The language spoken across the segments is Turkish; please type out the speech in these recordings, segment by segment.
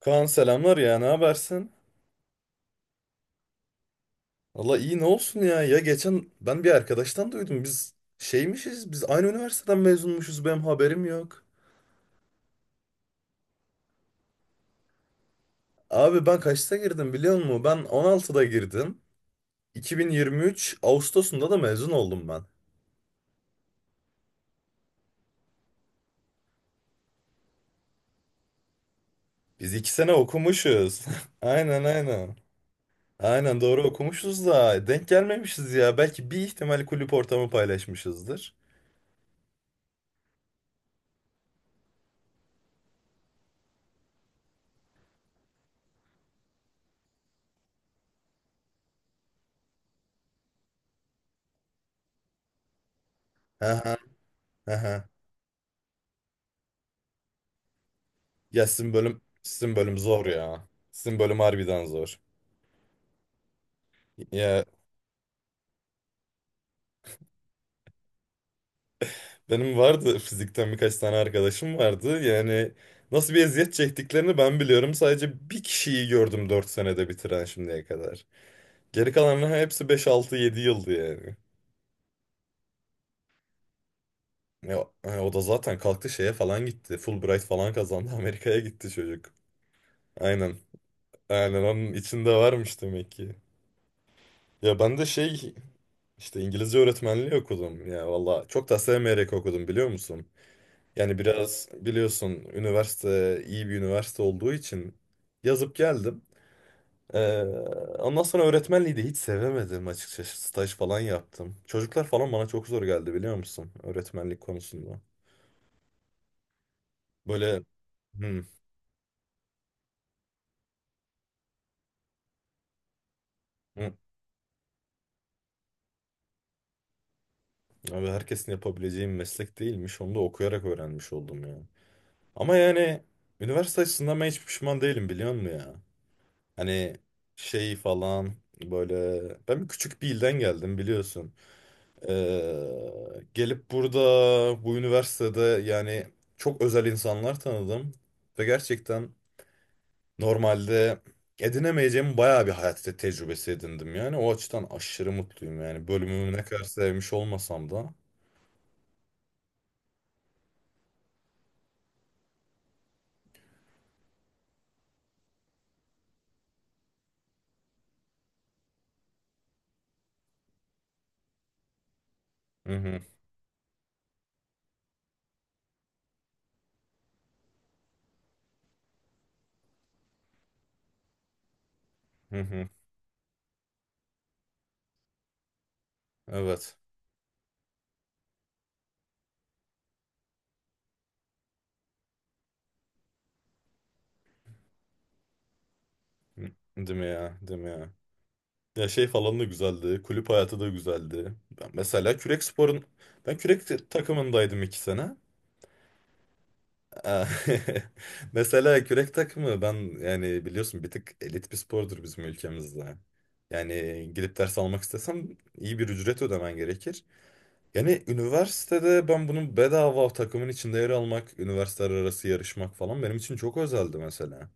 Kaan selamlar ya ne habersin? Valla iyi ne olsun ya geçen ben bir arkadaştan duydum biz aynı üniversiteden mezunmuşuz benim haberim yok. Abi ben kaçta girdim biliyor musun? Ben 16'da girdim. 2023 Ağustos'unda da mezun oldum ben. Biz 2 sene okumuşuz. Aynen aynen. Aynen doğru okumuşuz da denk gelmemişiz ya. Belki bir ihtimal kulüp ortamı paylaşmışızdır. Hı hı hı. Hı. Ya sizin bölüm zor ya. Sizin bölüm harbiden zor. Ya, Benim vardı fizikten birkaç tane arkadaşım vardı. Yani nasıl bir eziyet çektiklerini ben biliyorum. Sadece bir kişiyi gördüm 4 senede bitiren şimdiye kadar. Geri kalanların hepsi beş altı yedi yıldı yani. Ya, hani o da zaten kalktı şeye falan gitti. Fulbright falan kazandı. Amerika'ya gitti çocuk. Aynen. Aynen onun içinde varmış demek ki. Ya ben de işte İngilizce öğretmenliği okudum. Ya valla çok da sevmeyerek okudum biliyor musun? Yani biraz biliyorsun üniversite iyi bir üniversite olduğu için yazıp geldim. Ee, ondan sonra öğretmenliği de hiç sevemedim açıkçası. Staj falan yaptım. Çocuklar falan bana çok zor geldi biliyor musun? Öğretmenlik konusunda. Böyle, hı, hı, abi herkesin yapabileceği bir meslek değilmiş. Onu da okuyarak öğrenmiş oldum ya. Ama yani üniversite açısından ben hiç pişman değilim biliyor musun ya? Hani şey falan böyle ben küçük bir ilden geldim biliyorsun. Gelip burada bu üniversitede yani çok özel insanlar tanıdım ve gerçekten normalde edinemeyeceğim bayağı bir hayat tecrübesi edindim yani o açıdan aşırı mutluyum yani bölümümü ne kadar sevmiş olmasam da. Hı hı, hı hı. Evet. Hı. Değil mi ya? Değil mi ya? Ya şey falan da güzeldi. Kulüp hayatı da güzeldi. Ben mesela kürek sporun ben kürek takımındaydım 2 sene. Aa, mesela kürek takımı, ben yani biliyorsun bir tık elit bir spordur bizim ülkemizde. Yani gidip ders almak istesem iyi bir ücret ödemen gerekir. Yani üniversitede ben bunun bedava takımın içinde yer almak, üniversiteler arası yarışmak falan benim için çok özeldi mesela.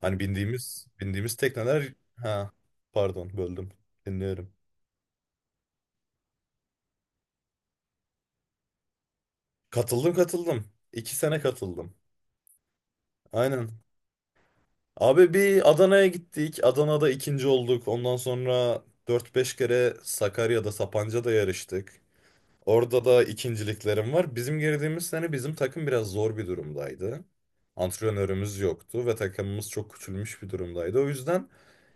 Hani bindiğimiz tekneler, ha, pardon böldüm. Dinliyorum. Katıldım katıldım. 2 sene katıldım. Aynen. Abi bir Adana'ya gittik. Adana'da ikinci olduk. Ondan sonra dört beş kere Sakarya'da, Sapanca'da yarıştık. Orada da ikinciliklerim var. Bizim girdiğimiz sene bizim takım biraz zor bir durumdaydı. Antrenörümüz yoktu ve takımımız çok küçülmüş bir durumdaydı. O yüzden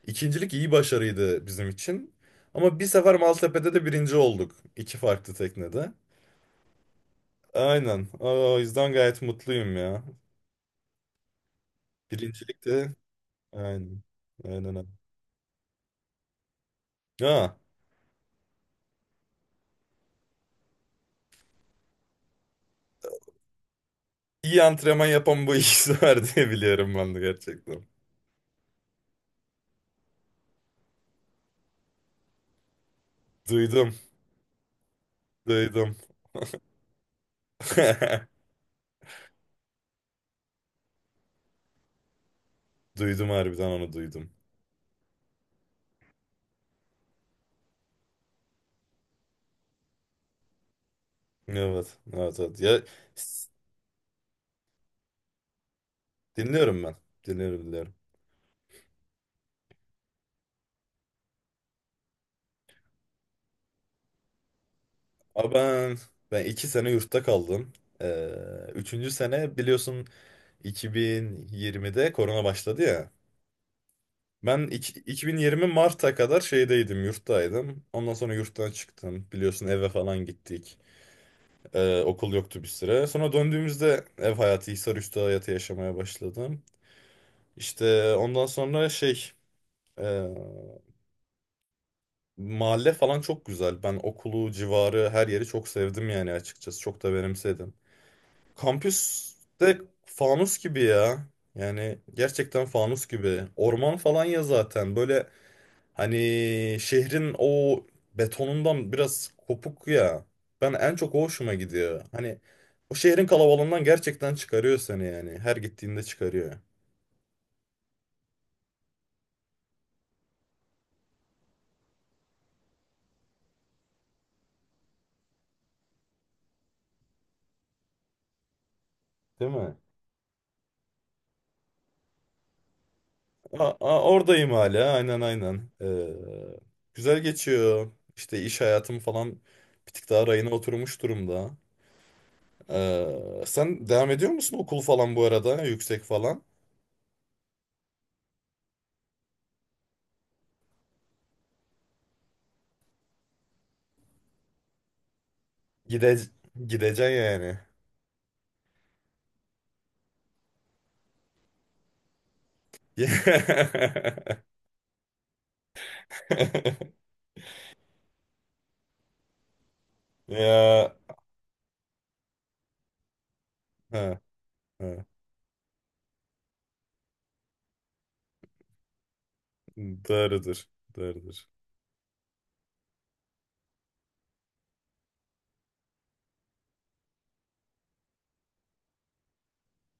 ikincilik iyi başarıydı bizim için. Ama bir sefer Maltepe'de de birinci olduk. 2 farklı teknede. Aynen. O yüzden gayet mutluyum ya. Birincilik de aynen. Aynen, abi. Ha. İyi antrenman yapan bu ikisi var diye biliyorum ben de gerçekten. Duydum, duydum. Duydum harbiden, onu duydum. Evet, evet, evet. Ya, s- dinliyorum ben. Dinliyorum, dinliyorum. Ama ben 2 sene yurtta kaldım. Ee, üçüncü sene biliyorsun 2020'de korona başladı ya. Ben 2020 Mart'a kadar şeydeydim, yurttaydım. Ondan sonra yurttan çıktım. Biliyorsun eve falan gittik. Okul yoktu bir süre. Sonra döndüğümüzde ev hayatı, Hisarüstü hayatı yaşamaya başladım. İşte ondan sonra e, mahalle falan çok güzel. Ben okulu, civarı, her yeri çok sevdim yani açıkçası. Çok da benimsedim. Kampüs de fanus gibi ya. Yani gerçekten fanus gibi. Orman falan ya zaten. Böyle, hani şehrin o betonundan biraz kopuk ya. Ben en çok o hoşuma gidiyor. Hani o şehrin kalabalığından gerçekten çıkarıyor seni yani. Her gittiğinde çıkarıyor. Değil mi? Oradayım hala. Aynen aynen. Güzel geçiyor. İşte iş hayatım falan bir tık daha rayına oturmuş durumda. Sen devam ediyor musun okul falan bu arada? Yüksek falan. Gide gideceksin yani. Ya. He. Ha, doğrudur. Doğrudur.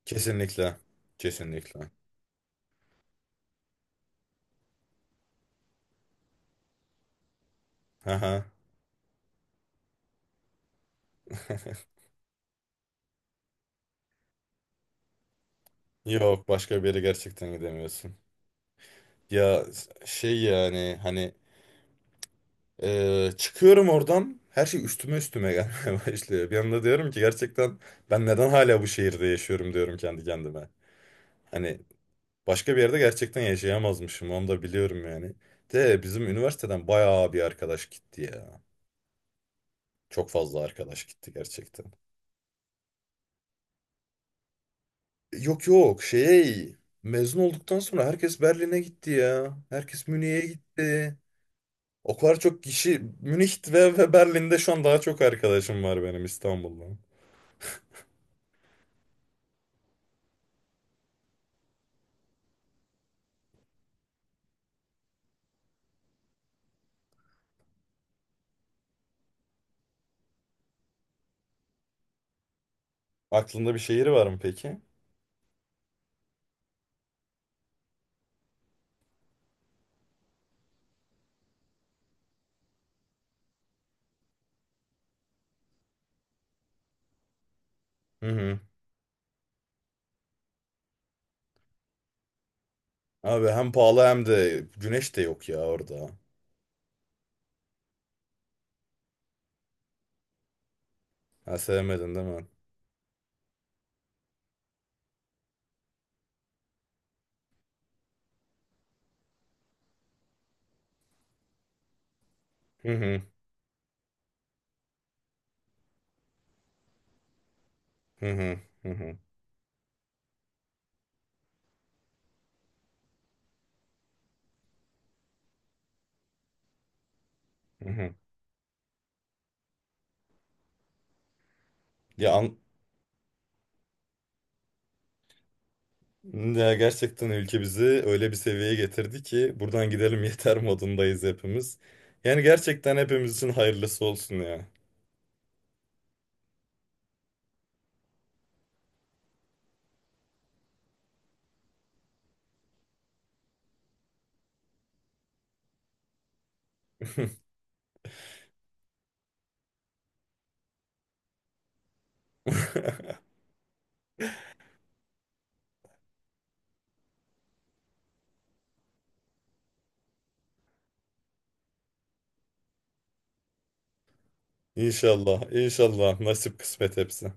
Kesinlikle. Kesinlikle. Haha. Yok, başka bir yere gerçekten gidemiyorsun. Ya şey yani hani çıkıyorum oradan her şey üstüme üstüme gelmeye başlıyor. Bir anda diyorum ki gerçekten ben neden hala bu şehirde yaşıyorum diyorum kendi kendime. Hani başka bir yerde gerçekten yaşayamazmışım, onu da biliyorum yani. De bizim üniversiteden bayağı bir arkadaş gitti ya. Çok fazla arkadaş gitti gerçekten. Yok yok, mezun olduktan sonra herkes Berlin'e gitti ya. Herkes Münih'e gitti. O kadar çok kişi Münih ve Berlin'de, şu an daha çok arkadaşım var benim İstanbul'dan. Aklında bir şehir var mı peki? Hı hı. Abi hem pahalı hem de güneş de yok ya orada. Ha, sevmedin değil mi? Hı hı. Hı hı. Hı hı. Hı hı. Ya, gerçekten ülke bizi öyle bir seviyeye getirdi ki buradan gidelim yeter modundayız hepimiz. Yani gerçekten hepimiz için hayırlısı olsun ya. İnşallah, inşallah. Nasip kısmet hepsi.